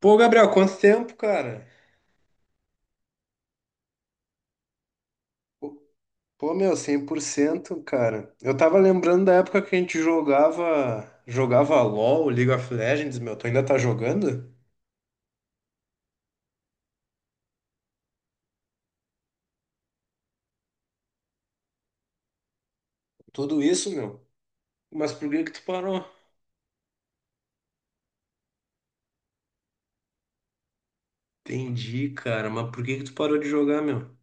Pô, Gabriel, quanto tempo, cara? Pô, meu, 100%, cara. Eu tava lembrando da época que a gente jogava LoL, League of Legends, meu. Tu ainda tá jogando? Tudo isso, meu. Mas por que que tu parou? Entendi, cara. Mas por que que tu parou de jogar, meu?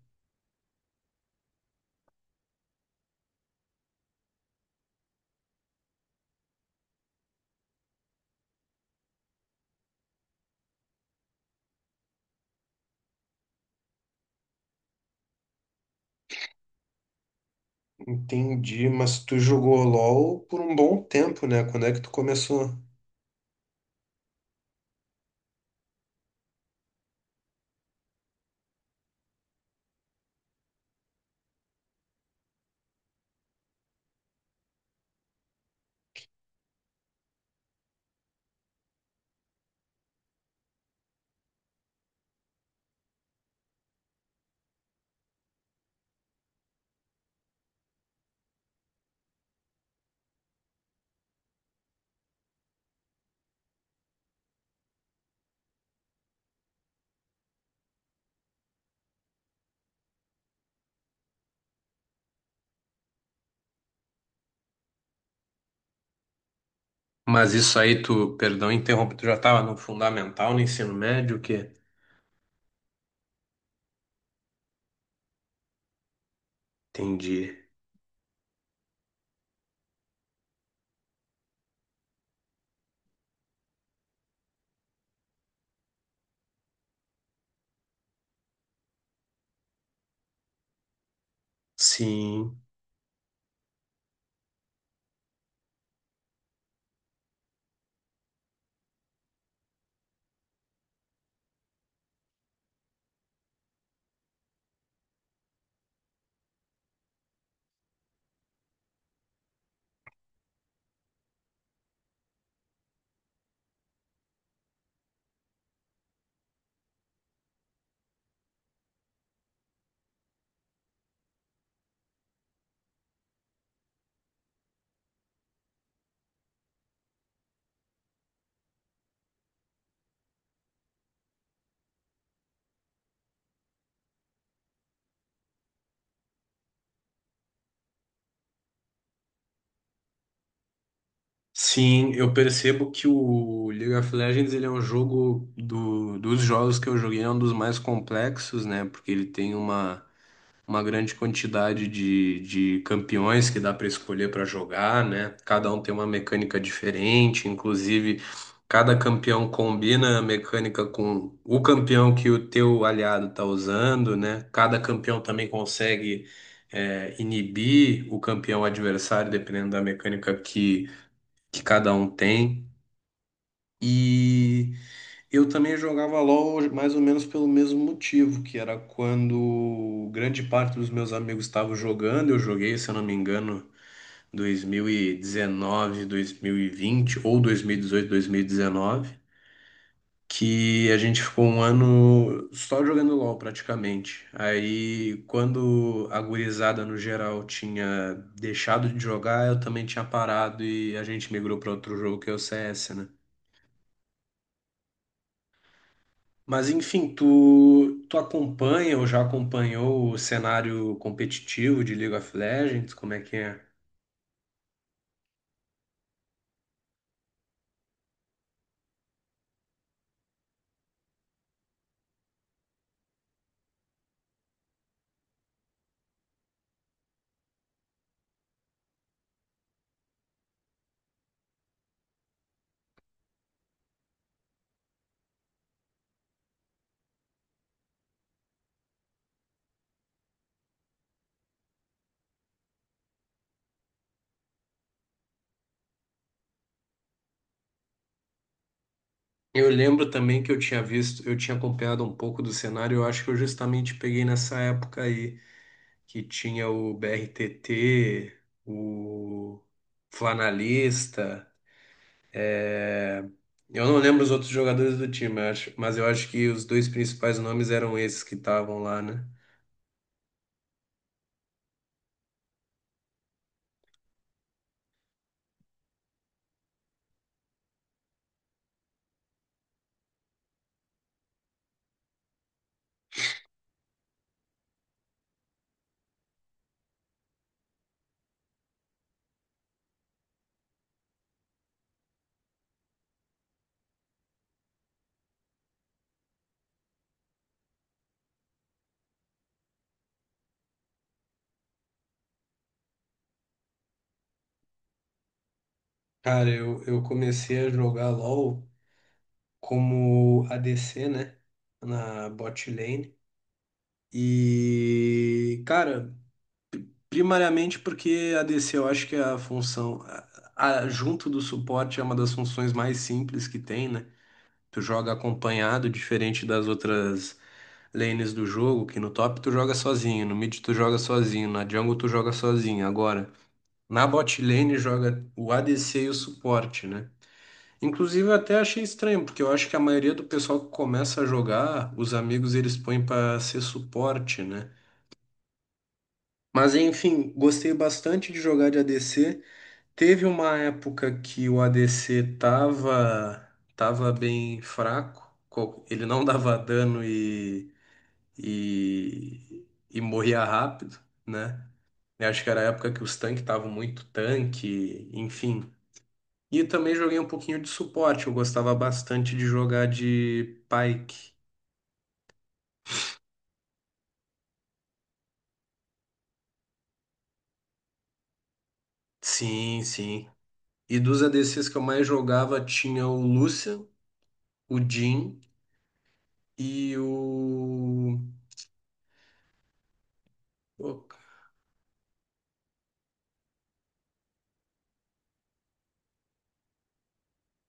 Entendi, mas tu jogou LoL por um bom tempo, né? Quando é que tu começou? Mas isso aí, tu, perdão, interrompo, tu já tava no fundamental, no ensino médio, o quê? Entendi. Sim. Sim, eu percebo que o League of Legends ele é um jogo dos jogos que eu joguei, é um dos mais complexos, né? Porque ele tem uma grande quantidade de campeões que dá para escolher para jogar, né? Cada um tem uma mecânica diferente, inclusive cada campeão combina a mecânica com o campeão que o teu aliado tá usando, né? Cada campeão também consegue inibir o campeão adversário, dependendo da mecânica que cada um tem. E eu também jogava LoL mais ou menos pelo mesmo motivo, que era quando grande parte dos meus amigos estavam jogando, eu joguei, se eu não me engano, dois mil e dezenove, 2020 ou dois mil e dezoito dois mil e 2019, que a gente ficou um ano só jogando LoL praticamente. Aí quando a gurizada no geral tinha deixado de jogar, eu também tinha parado e a gente migrou para outro jogo que é o CS, né? Mas enfim, tu acompanha ou já acompanhou o cenário competitivo de League of Legends? Como é que é? Eu lembro também que eu tinha visto, eu tinha acompanhado um pouco do cenário, eu acho que eu justamente peguei nessa época aí, que tinha o BRTT, o Flanalista. é, Eu não lembro os outros jogadores do time, eu acho, mas eu acho que os dois principais nomes eram esses que estavam lá, né? Cara, eu comecei a jogar LoL, como ADC, né? Na bot lane. E, cara, primariamente porque ADC eu acho que é a função, junto do suporte, é uma das funções mais simples que tem, né? Tu joga acompanhado, diferente das outras lanes do jogo, que no top tu joga sozinho, no mid tu joga sozinho, na jungle tu joga sozinho. Agora, na bot lane joga o ADC e o suporte, né? Inclusive, eu até achei estranho, porque eu acho que a maioria do pessoal que começa a jogar, os amigos eles põem para ser suporte, né? Mas enfim, gostei bastante de jogar de ADC. Teve uma época que o ADC tava bem fraco, ele não dava dano e morria rápido, né? Eu acho que era a época que os tanques estavam muito tanque, enfim. E também joguei um pouquinho de suporte. Eu gostava bastante de jogar de Pyke. Sim, sim. E dos ADCs que eu mais jogava tinha o Lucian, o Jhin e o. o-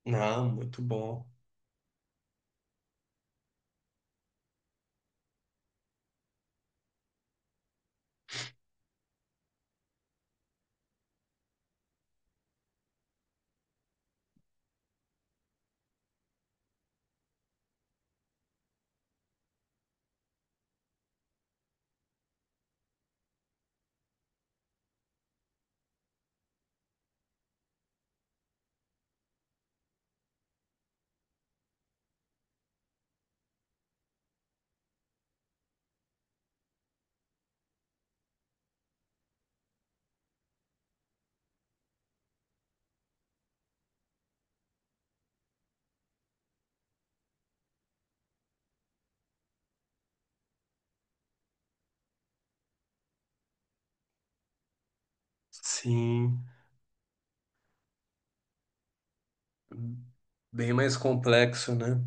Ah, muito bom. Sim. Bem mais complexo, né?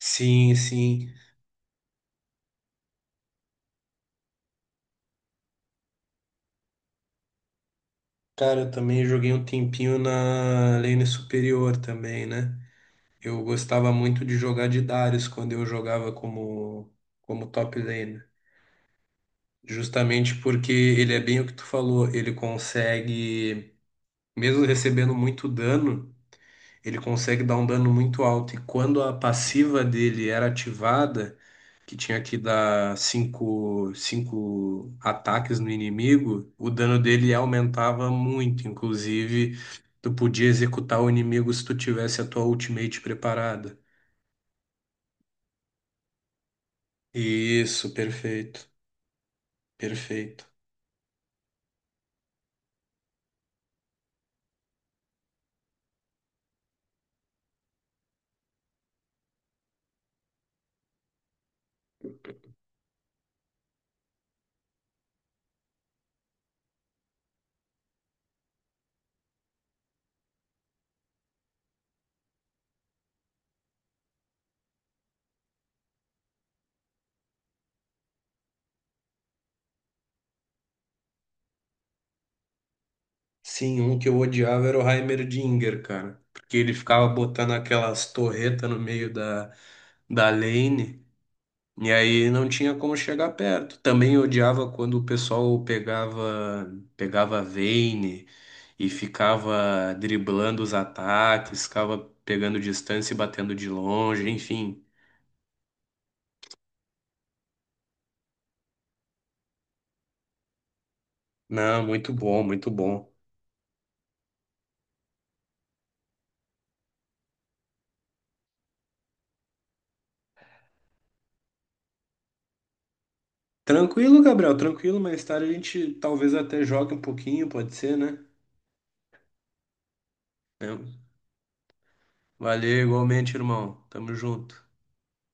Sim, sim. Cara, eu também joguei um tempinho na lane superior também, né? Eu gostava muito de jogar de Darius quando eu jogava como top lane. Justamente porque ele é bem o que tu falou, ele consegue, mesmo recebendo muito dano, ele consegue dar um dano muito alto. E quando a passiva dele era ativada, que tinha que dar cinco ataques no inimigo, o dano dele aumentava muito. Inclusive, tu podia executar o inimigo se tu tivesse a tua ultimate preparada. Isso, perfeito, perfeito. Sim, um que eu odiava era o Heimerdinger, cara. Porque ele ficava botando aquelas torretas no meio da lane. E aí não tinha como chegar perto. Também eu odiava quando o pessoal pegava a Vayne e ficava driblando os ataques, ficava pegando distância e batendo de longe, enfim. Não, muito bom, muito bom. Tranquilo, Gabriel, tranquilo. Mais tarde a gente talvez até jogue um pouquinho, pode ser, né? É, valeu, igualmente, irmão. Tamo junto.